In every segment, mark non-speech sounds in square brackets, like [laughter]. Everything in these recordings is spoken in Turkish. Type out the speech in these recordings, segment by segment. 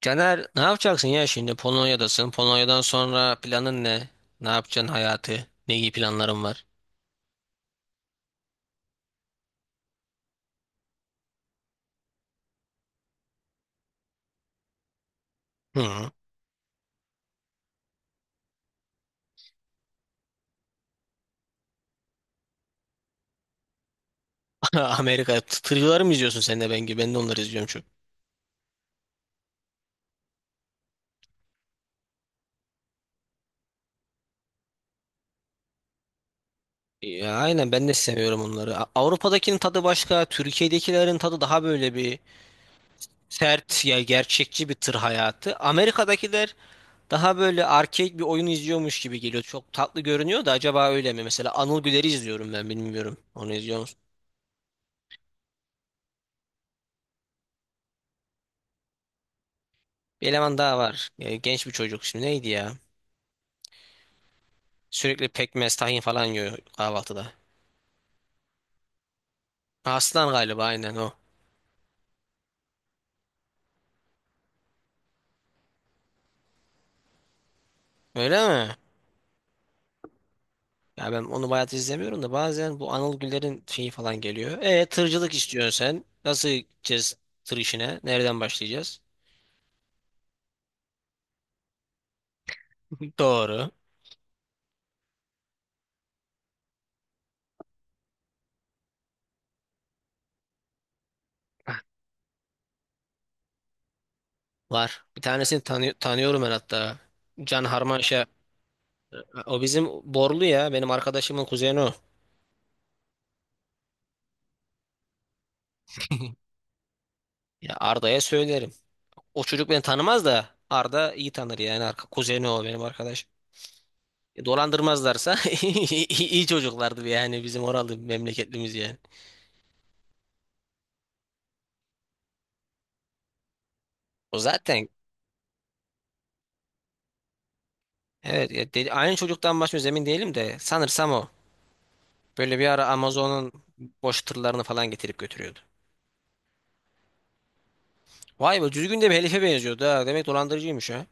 Caner ne yapacaksın ya şimdi Polonya'dasın? Polonya'dan sonra planın ne? Ne yapacaksın hayatı? Ne gibi planların var? Hı. [laughs] Amerika tırcıları mı izliyorsun sen de ben gibi? Ben de onları izliyorum çok. Ya, aynen ben de seviyorum onları. Avrupa'dakinin tadı başka. Türkiye'dekilerin tadı daha böyle bir sert, ya gerçekçi bir tır hayatı. Amerika'dakiler daha böyle arcade bir oyun izliyormuş gibi geliyor. Çok tatlı görünüyor da acaba öyle mi? Mesela Anıl Güler'i izliyorum ben, bilmiyorum. Onu izliyor musun? Bir eleman daha var. Ya, genç bir çocuk. Şimdi neydi ya? Sürekli pekmez, tahin falan yiyor kahvaltıda. Aslan galiba, aynen o. Öyle mi? Ya ben onu bayat izlemiyorum da bazen bu Anıl Güller'in şeyi falan geliyor. E tırcılık istiyorsun sen. Nasıl gideceğiz tır işine? Nereden başlayacağız? [laughs] Doğru. Var. Bir tanesini Tanıyorum ben hatta. Can Harmanşa. O bizim Borlu ya. Benim arkadaşımın kuzeni o. [laughs] Ya Arda'ya söylerim. O çocuk beni tanımaz da Arda iyi tanır yani. Arka kuzeni o benim arkadaş. E, dolandırmazlarsa [laughs] iyi çocuklardı yani, bizim oralı memleketlimiz yani. O zaten, evet ya dedi, aynı çocuktan başlıyoruz, emin değilim de sanırsam o. Böyle bir ara Amazon'un boş tırlarını falan getirip götürüyordu. Vay be, düzgün de bir helife benziyordu ha. Demek dolandırıcıymış ha.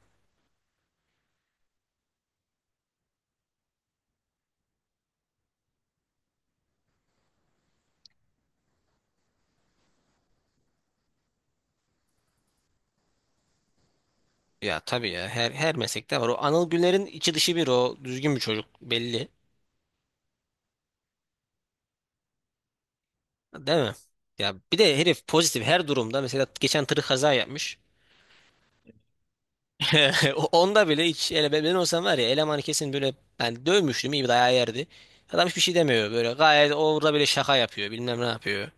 Ya tabii ya, her meslekte var. O Anıl Güler'in içi dışı bir, o düzgün bir çocuk belli. Değil mi? Ya bir de herif pozitif her durumda. Mesela geçen tır kaza yapmış. [laughs] Onda bile hiç ele, ben olsam var ya elemanı kesin böyle ben dövmüştüm, iyi bir dayağı yerdi. Adam hiçbir şey demiyor, böyle gayet orada bile şaka yapıyor bilmem ne yapıyor.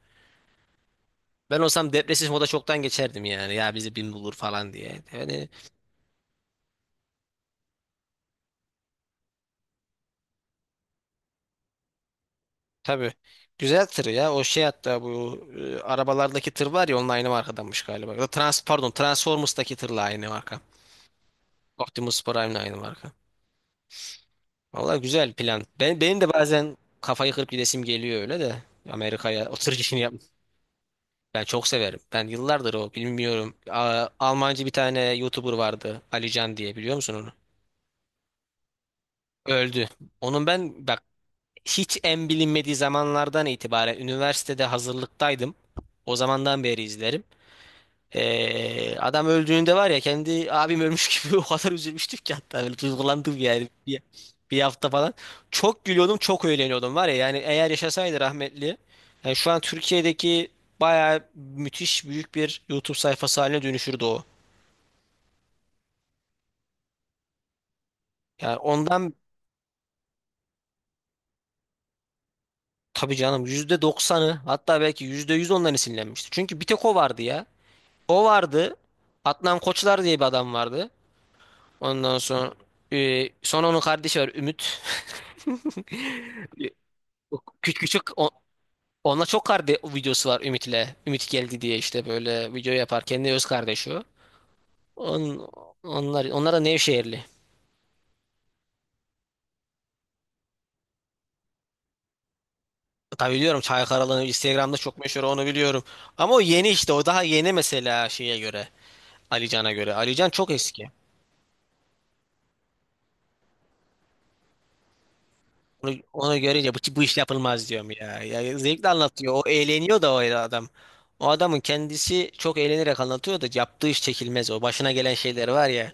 Ben olsam depresif moda çoktan geçerdim yani, ya bizi bin bulur falan diye. Yani tabii güzel tır ya, o şey hatta bu arabalardaki tır var ya, onun aynı markadanmış galiba. Ya da Trans, pardon Transformers'taki tırla aynı marka. Optimus Prime'le aynı marka. Valla güzel plan. Ben, benim de bazen kafayı kırıp gidesim geliyor öyle de Amerika'ya o tır işini. Ben çok severim. Ben yıllardır o, bilmiyorum. Almancı bir tane YouTuber vardı. Alican diye, biliyor musun onu? Öldü. Onun ben bak hiç en bilinmediği zamanlardan itibaren üniversitede hazırlıktaydım. O zamandan beri izlerim. Adam öldüğünde var ya kendi abim ölmüş gibi [laughs] o kadar üzülmüştük ki, hatta böyle duygulandım yani bir, bir hafta falan. Çok gülüyordum, çok eğleniyordum var ya, yani eğer yaşasaydı rahmetli. Yani şu an Türkiye'deki bayağı müthiş büyük bir YouTube sayfası haline dönüşürdü o. Yani ondan tabii canım, yüzde doksanı, hatta belki %100 ondan esinlenmişti. Çünkü bir tek o vardı ya. O vardı. Adnan Koçlar diye bir adam vardı. Ondan sonra sonra onun kardeşi var, Ümit. [laughs] Küçük küçük onunla çok kardeş videosu var Ümit'le. Ümit geldi diye işte böyle video yapar. Kendi öz kardeşi o. On, onlar da Nevşehirli. Tabii biliyorum, Çaykaralı Instagram'da çok meşhur, onu biliyorum. Ama o yeni, işte o daha yeni mesela şeye göre. Alican'a göre. Alican çok eski. Onu görünce bu iş yapılmaz diyorum ya. Ya zevkle anlatıyor. O eğleniyor da o adam. O adamın kendisi çok eğlenerek anlatıyor da yaptığı iş çekilmez o. Başına gelen şeyler var ya.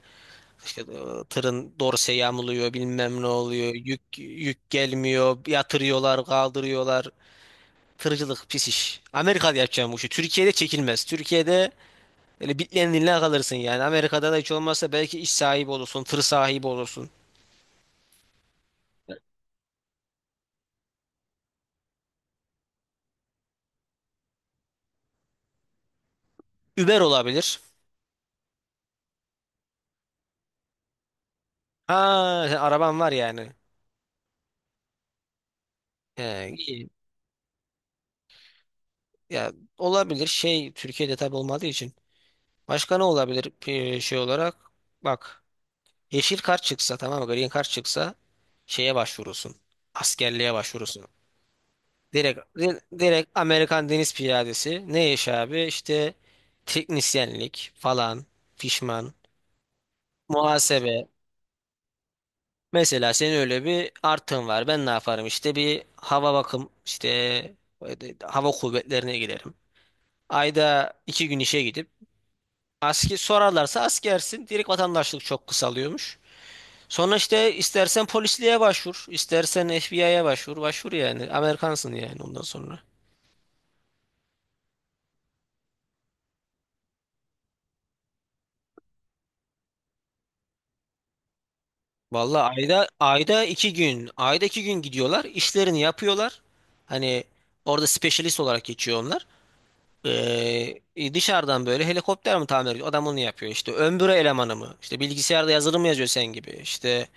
İşte tırın dorse yamuluyor, bilmem ne oluyor. Yük gelmiyor. Yatırıyorlar, kaldırıyorlar. Tırcılık pis iş. Amerika'da yapacağım bu işi. Türkiye'de çekilmez. Türkiye'de böyle bitlerin diline kalırsın yani. Amerika'da da hiç olmazsa belki iş sahibi olursun, tır sahibi olursun. Uber olabilir. Ha, sen araban var yani. He, iyi. Ya olabilir. Şey Türkiye'de tabii olmadığı için. Başka ne olabilir, şey olarak? Bak. Yeşil kart çıksa, tamam mı? Green kart çıksa şeye başvurursun. Askerliğe başvurursun. Direkt direkt Amerikan Deniz Piyadesi. Ne iş abi? İşte teknisyenlik falan, fişman, muhasebe. Mesela senin öyle bir artın var. Ben ne yaparım? İşte bir hava bakım, işte hava kuvvetlerine giderim. Ayda iki gün işe gidip asker, sorarlarsa askersin. Direkt vatandaşlık çok kısalıyormuş. Sonra işte istersen polisliğe başvur, istersen FBI'ye başvur, başvur yani. Amerikansın yani ondan sonra. Vallahi ayda iki gün gidiyorlar, işlerini yapıyorlar. Hani orada specialist olarak geçiyor onlar. Dışarıdan böyle helikopter mi tamir ediyor? Adam onu yapıyor. İşte ön büro elemanı mı? İşte bilgisayarda yazılım mı yazıyor sen gibi? İşte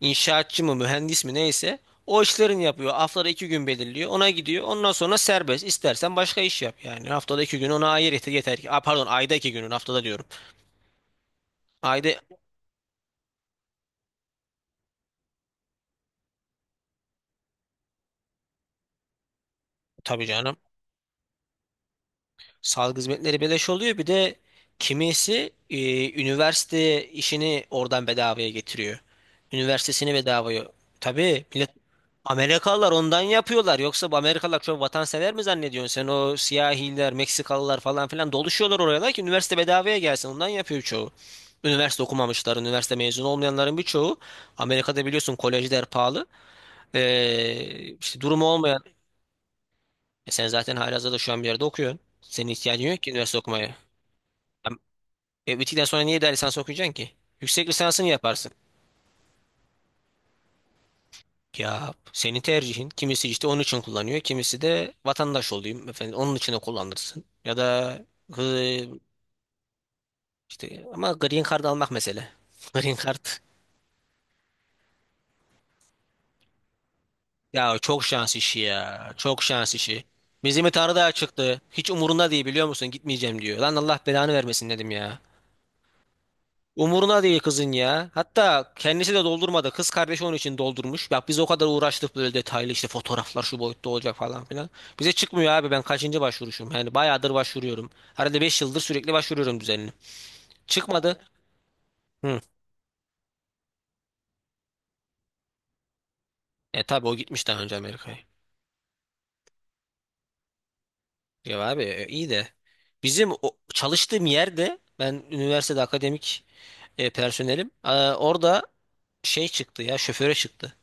inşaatçı mı, mühendis mi, neyse. O işlerini yapıyor. Haftada iki gün belirliyor. Ona gidiyor. Ondan sonra serbest. İstersen başka iş yap. Yani haftada iki gün ona ayır yeter, yeter ki. Aa, pardon, ayda iki günün haftada diyorum. Ayda tabii canım. Sağlık hizmetleri beleş oluyor. Bir de kimisi üniversite işini oradan bedavaya getiriyor. Üniversitesini bedavaya. Tabii millet, Amerikalılar ondan yapıyorlar. Yoksa bu Amerikalılar çok vatansever mi zannediyorsun? Sen o siyahiler, Meksikalılar falan filan doluşuyorlar oraya ki üniversite bedavaya gelsin. Ondan yapıyor çoğu. Üniversite okumamışlar, üniversite mezunu olmayanların birçoğu. Amerika'da biliyorsun kolejler pahalı. İşte durumu olmayan. E sen zaten halihazırda şu an bir yerde okuyorsun. Senin ihtiyacın yok ki üniversite okumaya. Ya, e, bittikten sonra niye daha lisans okuyacaksın ki? Yüksek lisansını yaparsın. Ya senin tercihin. Kimisi işte onun için kullanıyor. Kimisi de vatandaş olayım efendim onun için de kullanırsın. Ya da hı, işte ama green card almak mesele. [laughs] Green card. Ya çok şans işi ya. Çok şans işi. Bizim Tanrı da çıktı. Hiç umurunda değil biliyor musun? Gitmeyeceğim diyor. Lan Allah belanı vermesin dedim ya. Umuruna değil kızın ya. Hatta kendisi de doldurmadı. Kız kardeşi onun için doldurmuş. Bak biz o kadar uğraştık, böyle detaylı işte fotoğraflar şu boyutta olacak falan filan. Bize çıkmıyor abi, ben kaçıncı başvuruşum. Yani bayağıdır başvuruyorum. Herhalde 5 yıldır sürekli başvuruyorum düzenli. Çıkmadı. Hı. E tabi o gitmiş daha önce Amerika'ya. Ya abi, e, iyi de. Bizim o, çalıştığım yerde ben üniversitede akademik personelim. Aa, orada şey çıktı ya, şoföre çıktı.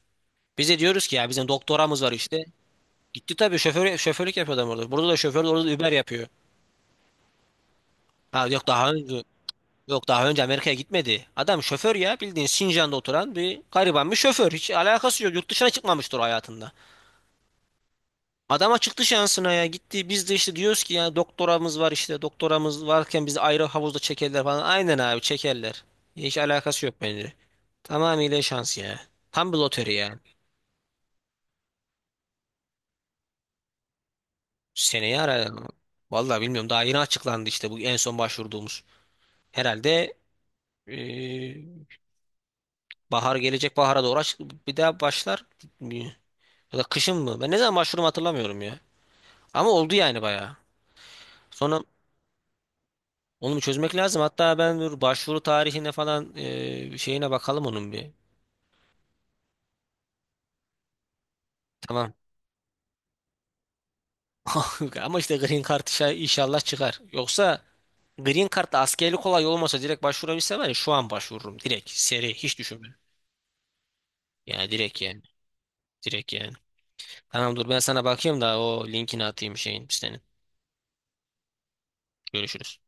Bize diyoruz ki ya bizim doktoramız var işte. Gitti tabii, şoför, şoförlük yapıyor adam orada. Burada da şoför, orada da Uber yapıyor. Ha yok, daha önce Amerika'ya gitmedi. Adam şoför ya, bildiğin Sincan'da oturan bir gariban bir şoför. Hiç alakası yok. Yurt dışına çıkmamıştır o hayatında. Adama çıktı şansına, ya gitti. Biz de işte diyoruz ki ya doktoramız var işte, doktoramız varken bizi ayrı havuzda çekerler falan. Aynen abi çekerler. Hiç alakası yok bence. Tamamıyla şans ya. Tam bir loteri ya. Seneye ara. Vallahi bilmiyorum, daha yeni açıklandı işte bu en son başvurduğumuz. Herhalde bahar gelecek, bahara doğru bir daha başlar. Ya da kışın mı? Ben ne zaman başvurumu hatırlamıyorum ya. Ama oldu yani bayağı. Sonra onu bir çözmek lazım. Hatta ben dur, başvuru tarihine falan şeyine bakalım onun bir. Tamam. [laughs] Ama işte Green Card inşallah çıkar. Yoksa Green Card'da askerlik kolay olmasa direkt başvurabilsem var ya şu an başvururum. Direkt seri, hiç düşünmüyorum. Yani direkt yani. Direkt yani. Tamam dur ben sana bakayım da o linkini atayım şeyin senin. Görüşürüz.